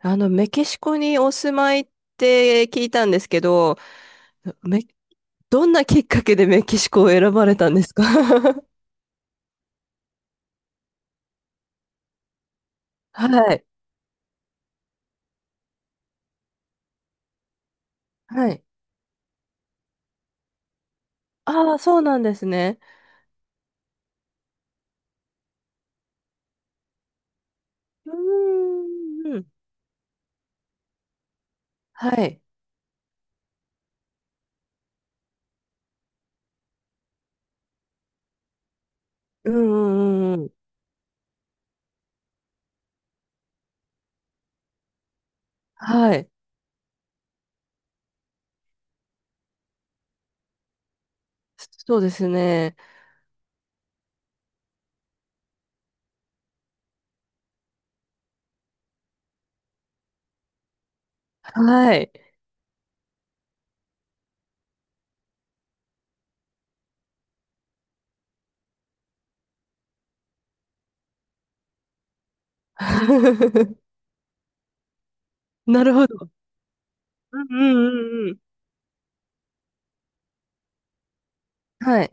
メキシコにお住まいって聞いたんですけど、め、どんなきっかけでメキシコを選ばれたんですか？ はい。はい。ああ、そうなんですね。うーん。はい。うんうんうんうん。はい。そうですね。はい。なるほど。うんうんうんうん。はい。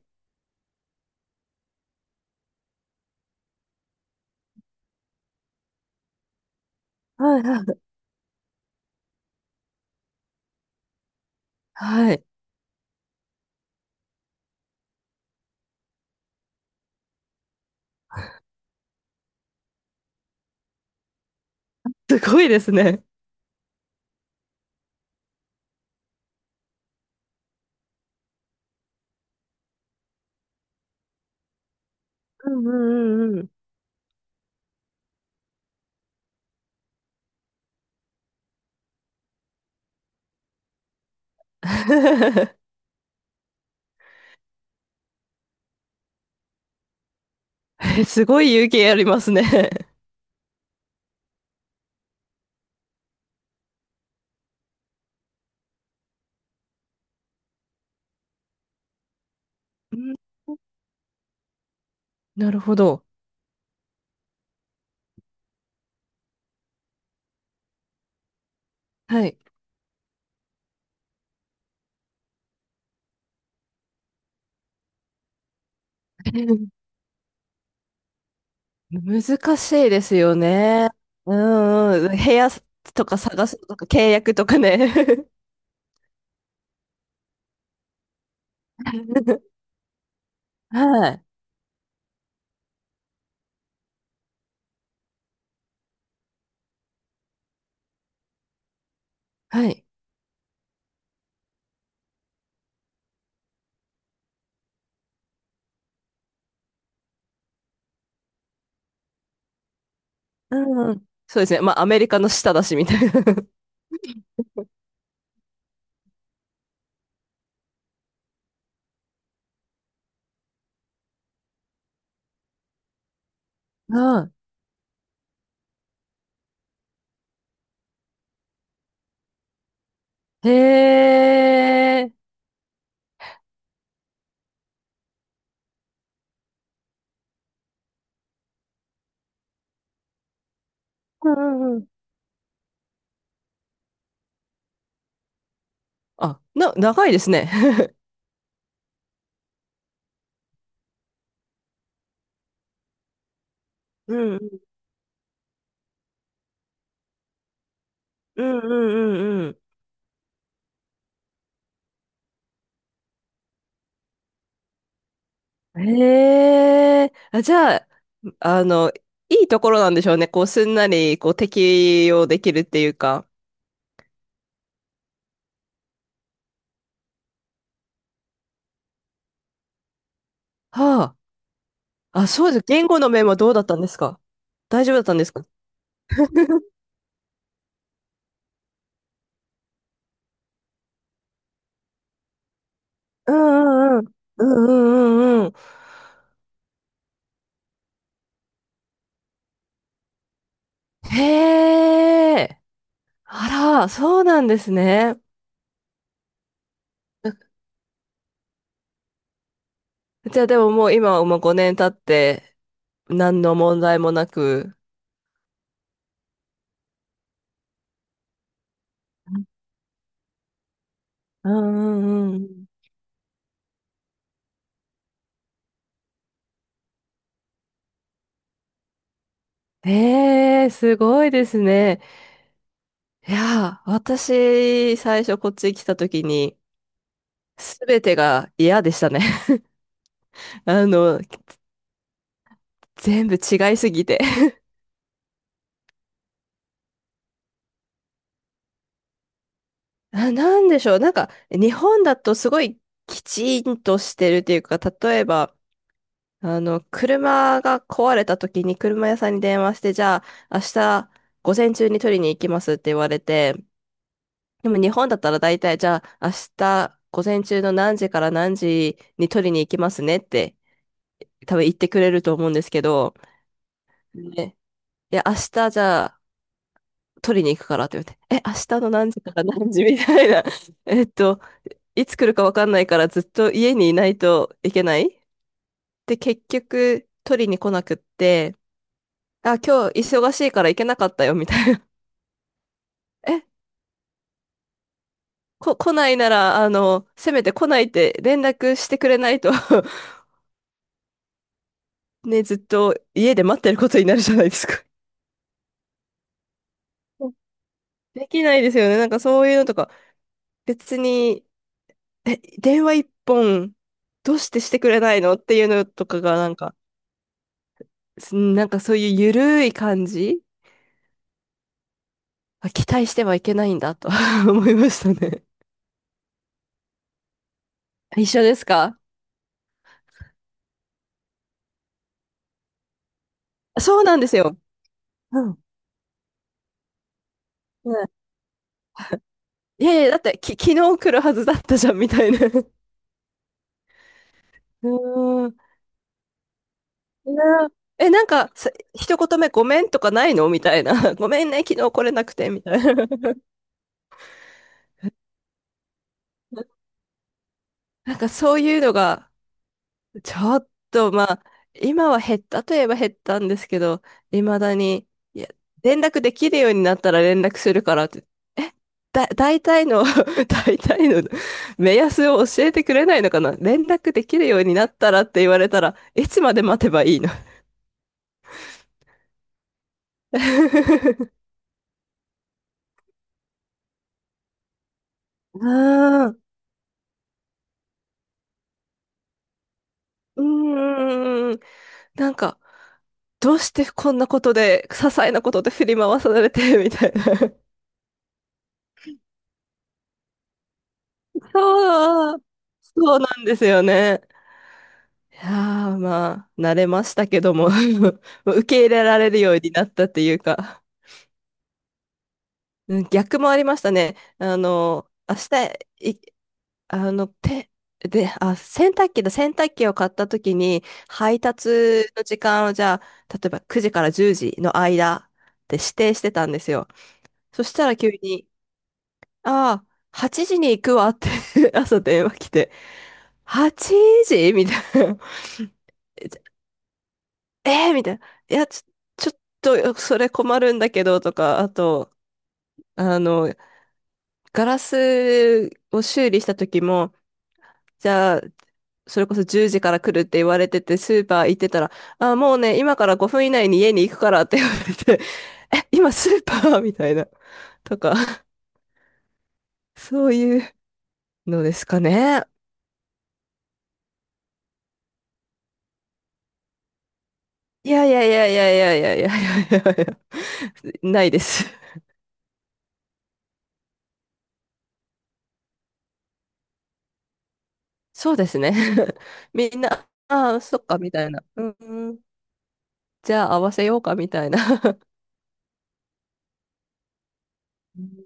はいはい。はい。すごいですね。うんうんうんうん。え、すごい勇気ありますね。うん、なるほど。はい。難しいですよね。うんうん。部屋とか探すとか契約とかね。はい。はい。うんうん。そうですね。まあ、アメリカの下だし、みたいな。うん。へえ。うんうんうん。あ、な、長いですね。うんうんうんうんうん。へえ。あ、じゃあ、あの、いいところなんでしょうね。こう、すんなり、こう、適用できるっていうか。はあ。あ、そうです。言語の面はどうだったんですか？大丈夫だったんですか？うんうんうん。うんうんうんうん。へえ。あら、そうなんですね。じゃあでももう今はもう5年経って、何の問題もなく。うんうんうん。へえ、すごいですね。いやー、私、最初こっち来た時に、すべてが嫌でしたね。あの、全部違いすぎて。あ、なんでしょう。なんか、日本だとすごいきちんとしてるっていうか、例えば、車が壊れた時に車屋さんに電話して、じゃあ、明日午前中に取りに行きますって言われて、でも日本だったら大体、じゃあ、明日午前中の何時から何時に取りに行きますねって、多分言ってくれると思うんですけど、ね、いや、明日じゃあ、取りに行くからって言って、え、明日の何時から何時みたいな。えっと、いつ来るかわかんないからずっと家にいないといけないで、結局取りに来なくって、あ、今日忙しいから行けなかったよ、みたいな。え、来ないなら、せめて来ないって連絡してくれないと ね、ずっと家で待ってることになるじゃないですか。 できないですよね。なんかそういうのとか、別に、え、電話一本、どうしてしてくれないのっていうのとかが、なんか、なんかそういうゆるい感じ、あ、期待してはいけないんだと 思いましたね。一緒ですか？そうなんですよ。うん。うん。いやいや、だって昨日来るはずだったじゃん、みたいな。うーん。ねえ、なんか、一言目ごめんとかないのみたいな。ごめんね、昨日来れなくて、みたいな。なんかそういうのがちょっと、まあ、今は減ったといえば減ったんですけど、未だに、いや、連絡できるようになったら連絡するからって、え、大体の 大体の目安を教えてくれないのかな、連絡できるようになったらって言われたら、いつまで待てばいいの？ ああ、うーん、なんか、どうしてこんなことで、些細なことで振り回されて、みたいな。そう、そうなんですよね。いやー、まあ、慣れましたけども、もう受け入れられるようになったっていうか、うん、逆もありましたね。あの、明日、い、あの、て、で、あ、洗濯機だ、洗濯機を買った時に、配達の時間をじゃあ、例えば9時から10時の間って指定してたんですよ。そしたら急に、ああ、8時に行くわって 朝電話来て、8時みたいな。えーみたいな。いや、ちょっと、それ困るんだけど、とか、あと、あの、ガラスを修理した時も、じゃあ、それこそ10時から来るって言われてて、スーパー行ってたら、あ、もうね、今から5分以内に家に行くからって言われて、え、今スーパーみたいな、とか、そういうのですかね。いやいやいやいやいやいやいやいやいやいや、ないです。そうですね。みんな、ああ、そっか、みたいな。うんうん。じゃあ合わせようかみたいな。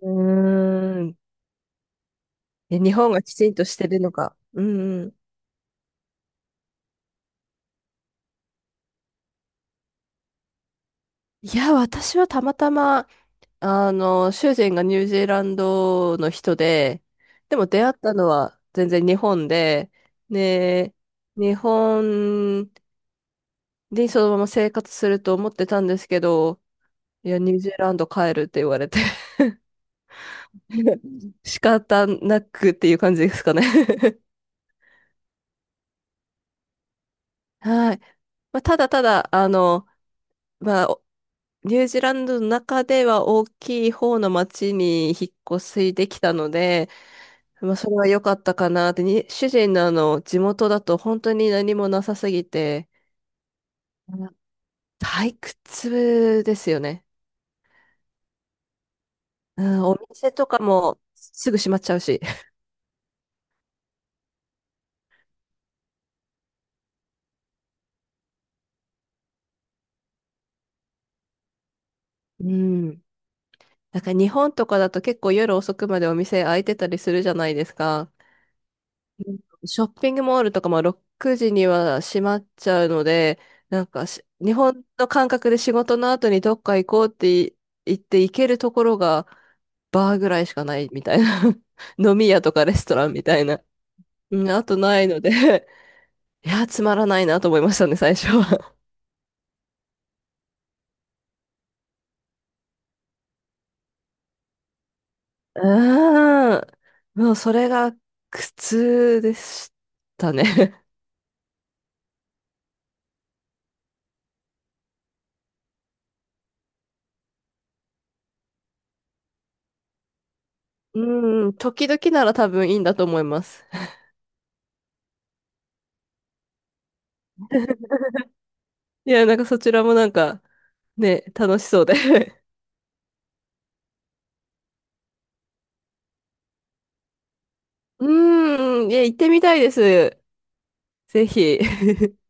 うーん。え、日本がきちんとしてるのか。うんうん。いや、私はたまたま、主人がニュージーランドの人で、でも出会ったのは全然日本で、ね、日本にそのまま生活すると思ってたんですけど、いや、ニュージーランド帰るって言われて 仕方なくっていう感じですかね。 はい。まあ、ただただ、まあ、ニュージーランドの中では大きい方の町に引っ越しできたので、まあ、それは良かったかなって、に主人のあの地元だと本当に何もなさすぎて、うん、退屈ですよね。うん、お店とかもすぐ閉まっちゃうし。うん。なんか日本とかだと結構夜遅くまでお店開いてたりするじゃないですか。うん、ショッピングモールとかも6時には閉まっちゃうので、なんか日本の感覚で仕事の後にどっか行こうって言って行けるところがバーぐらいしかないみたいな。飲み屋とかレストランみたいな。うん、あとないので いや、つまらないなと思いましたね、最初は。うーん。もうそれが苦痛でしたね。うん、時々なら多分いいんだと思います。いや、なんかそちらもなんか、ね、楽しそうで。うーん、いや、行ってみたいです。ぜひ。